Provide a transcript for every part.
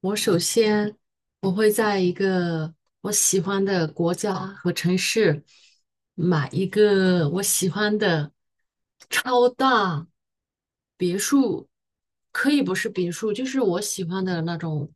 我首先我会在一个我喜欢的国家和城市买一个我喜欢的超大别墅。可以不是别墅，就是我喜欢的那种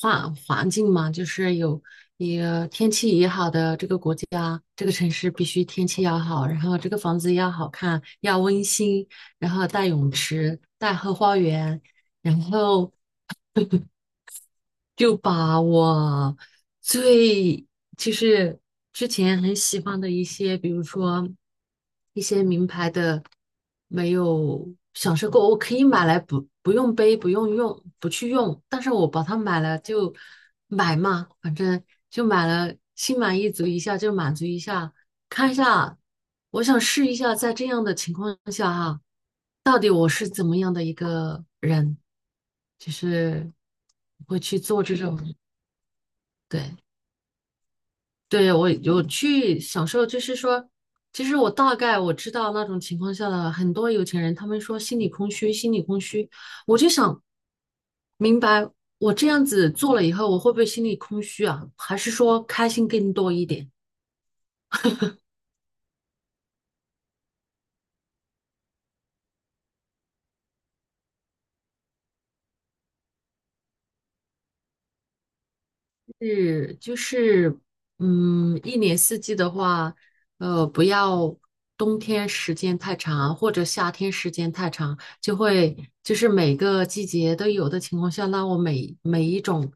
环境嘛，就是也天气也好的这个国家，这个城市必须天气要好，然后这个房子要好看，要温馨，然后带泳池，带后花园。然后就把我最就是之前很喜欢的一些，比如说一些名牌的，没有享受过，我可以买来不用背，不用用，不去用，但是我把它买了就买嘛，反正就买了，心满意足一下就满足一下，看一下，我想试一下，在这样的情况下哈，到底我是怎么样的一个人。就是会去做这种，对，对，我有去享受，就是说，其实我大概我知道那种情况下的很多有钱人，他们说心里空虚，心里空虚，我就想明白，我这样子做了以后，我会不会心里空虚啊？还是说开心更多一点？是，就是，嗯，一年四季的话，不要冬天时间太长，或者夏天时间太长，就是每个季节都有的情况下，那我每一种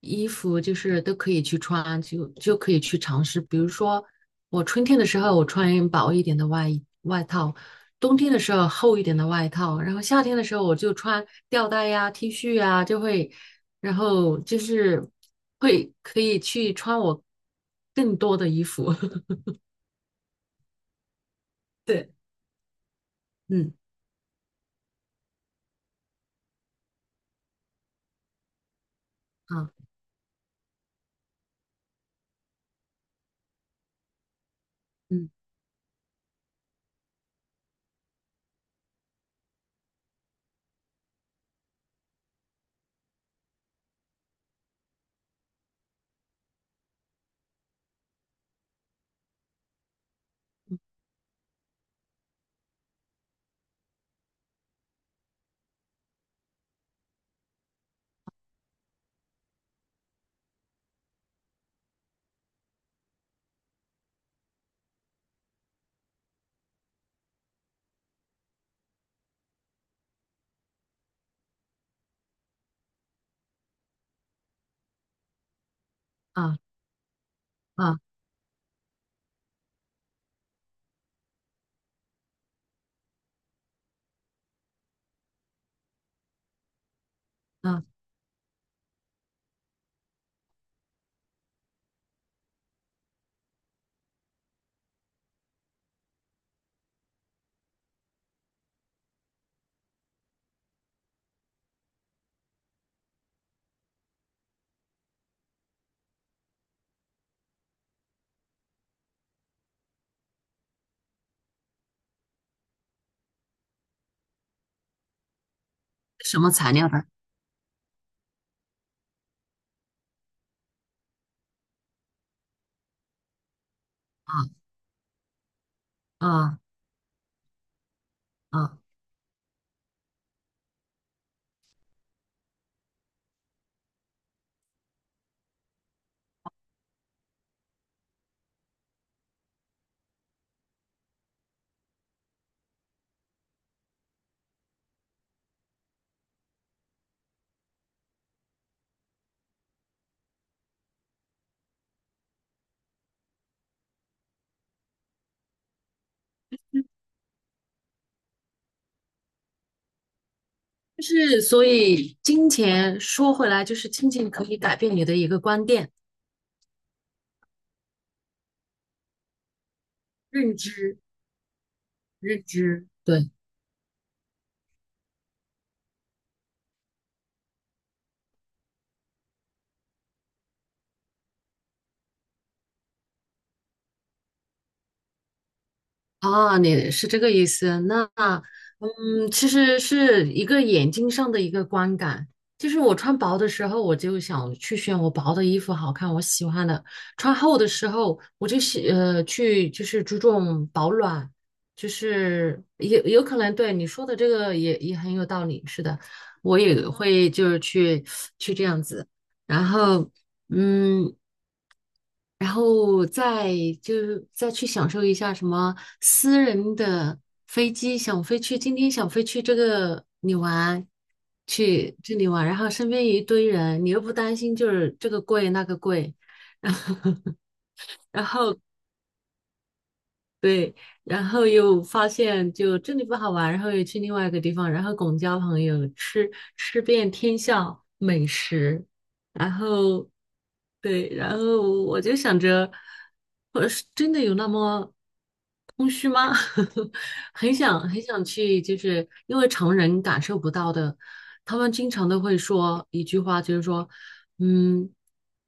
衣服就是都可以去穿，就可以去尝试。比如说，我春天的时候我穿薄一点的外衣外套，冬天的时候厚一点的外套，然后夏天的时候我就穿吊带呀、T 恤呀，就会。然后就是会可以去穿我更多的衣服。对，嗯，啊，嗯，啊，啊，啊，什么材料的？啊，啊，啊，就是所以金钱说回来，就是金钱可以改变你的一个观点、认知、认知。对。啊，你是这个意思？那，嗯，其实是一个眼睛上的一个观感。就是我穿薄的时候，我就想去选我薄的衣服好看，我喜欢的；穿厚的时候，我就去就是注重保暖，就是有可能对你说的这个也很有道理。是的，我也会就是去这样子，然后。嗯，然后就再去享受一下什么私人的飞机，想飞去今天想飞去这个你玩，去这里玩，然后身边一堆人，你又不担心就是这个贵那个贵，然后然后对，然后又发现就这里不好玩，然后又去另外一个地方，然后广交朋友，吃遍天下美食，然后对，然后我就想着，我是真的有那么空虚吗？很想很想去，就是因为常人感受不到的，他们经常都会说一句话，就是说，嗯，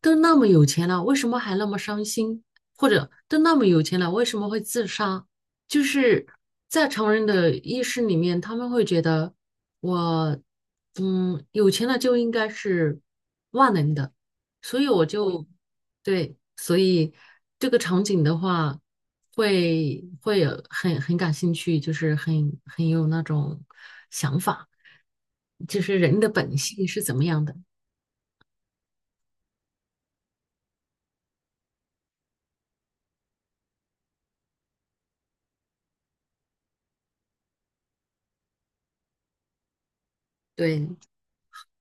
都那么有钱了，为什么还那么伤心？或者都那么有钱了，为什么会自杀？就是在常人的意识里面，他们会觉得我，嗯，有钱了就应该是万能的，所以我就，对，所以这个场景的话，会有很感兴趣，就是很有那种想法，就是人的本性是怎么样的，对，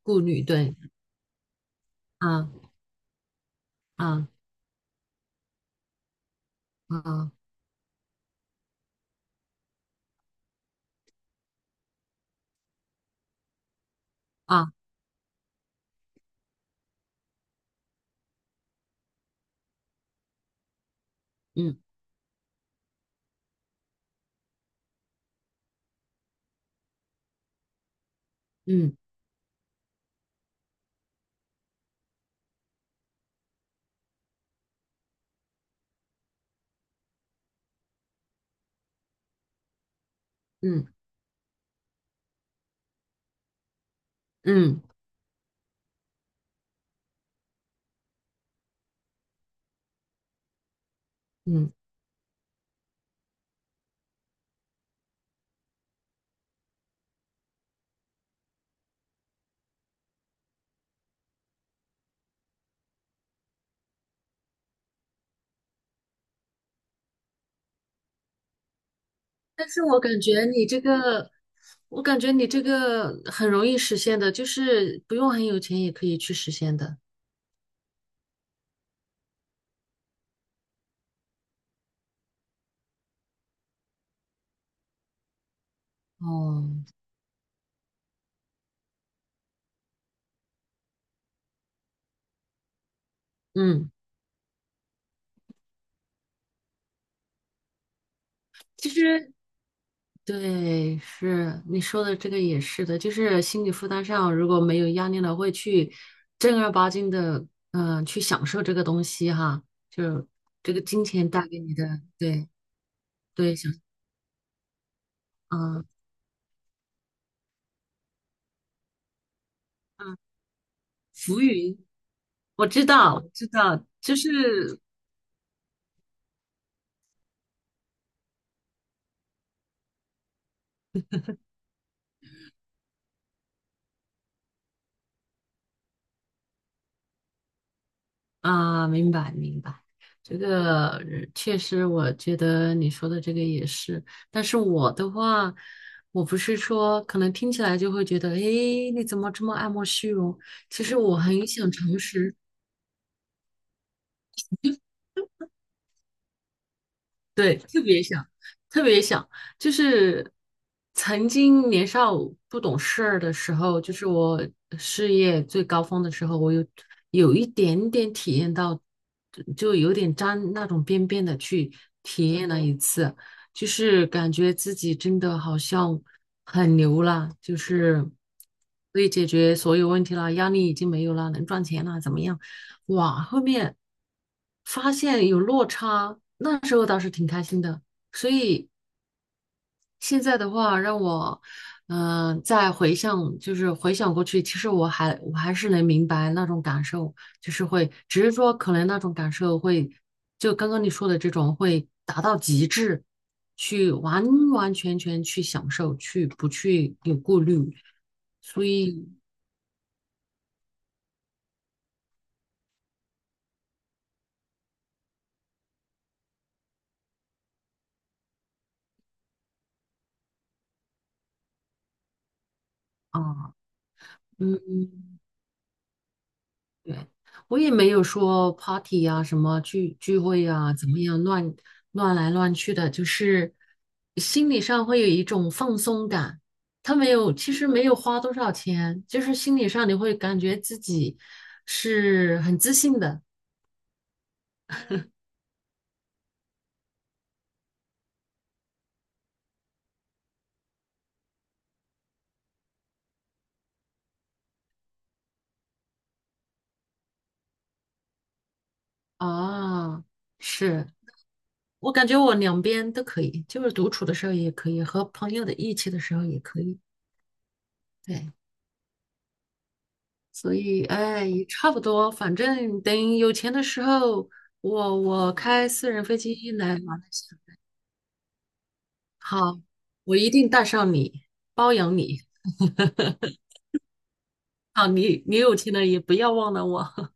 顾虑，对，啊，啊，啊，啊，嗯，嗯，嗯。嗯，嗯，但是我感觉你这个，我感觉你这个很容易实现的，就是不用很有钱也可以去实现的。哦，嗯，其实对，是你说的这个也是的，就是心理负担上如果没有压力了，会去正儿八经的，去享受这个东西哈，就这个金钱带给你的，对，对，想，嗯，嗯，浮云，我知道，我知道，就是啊，明白明白，这个确实，我觉得你说的这个也是。但是我的话，我不是说可能听起来就会觉得，诶，你怎么这么爱慕虚荣？其实我很想诚实，对，特别想，特别想，就是曾经年少不懂事儿的时候，就是我事业最高峰的时候，我有一点点体验到，就有点沾那种边边的去体验了一次，就是感觉自己真的好像很牛了，就是可以解决所有问题了，压力已经没有了，能赚钱了，怎么样？哇，后面发现有落差，那时候倒是挺开心的。所以现在的话，让我再回想，就是回想过去，其实我还是能明白那种感受，就是会，只是说可能那种感受会，就刚刚你说的这种会达到极致，去完完全全去享受，去不去有顾虑，所以啊，嗯。对，我也没有说 party 啊，什么聚会啊，怎么样乱来乱去的，就是心理上会有一种放松感。他没有，其实没有花多少钱，就是心理上你会感觉自己是很自信的啊。是我感觉我两边都可以，就是独处的时候也可以，和朋友的一起的时候也可以。对。所以哎，也差不多，反正等有钱的时候，我开私人飞机来马来西亚。好，我一定带上你，包养你。啊，你有钱了也不要忘了我。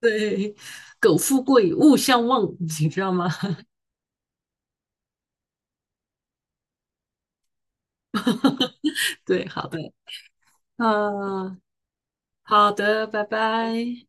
对，苟富贵，勿相忘，你知道吗？对，好的，啊，好的，拜拜。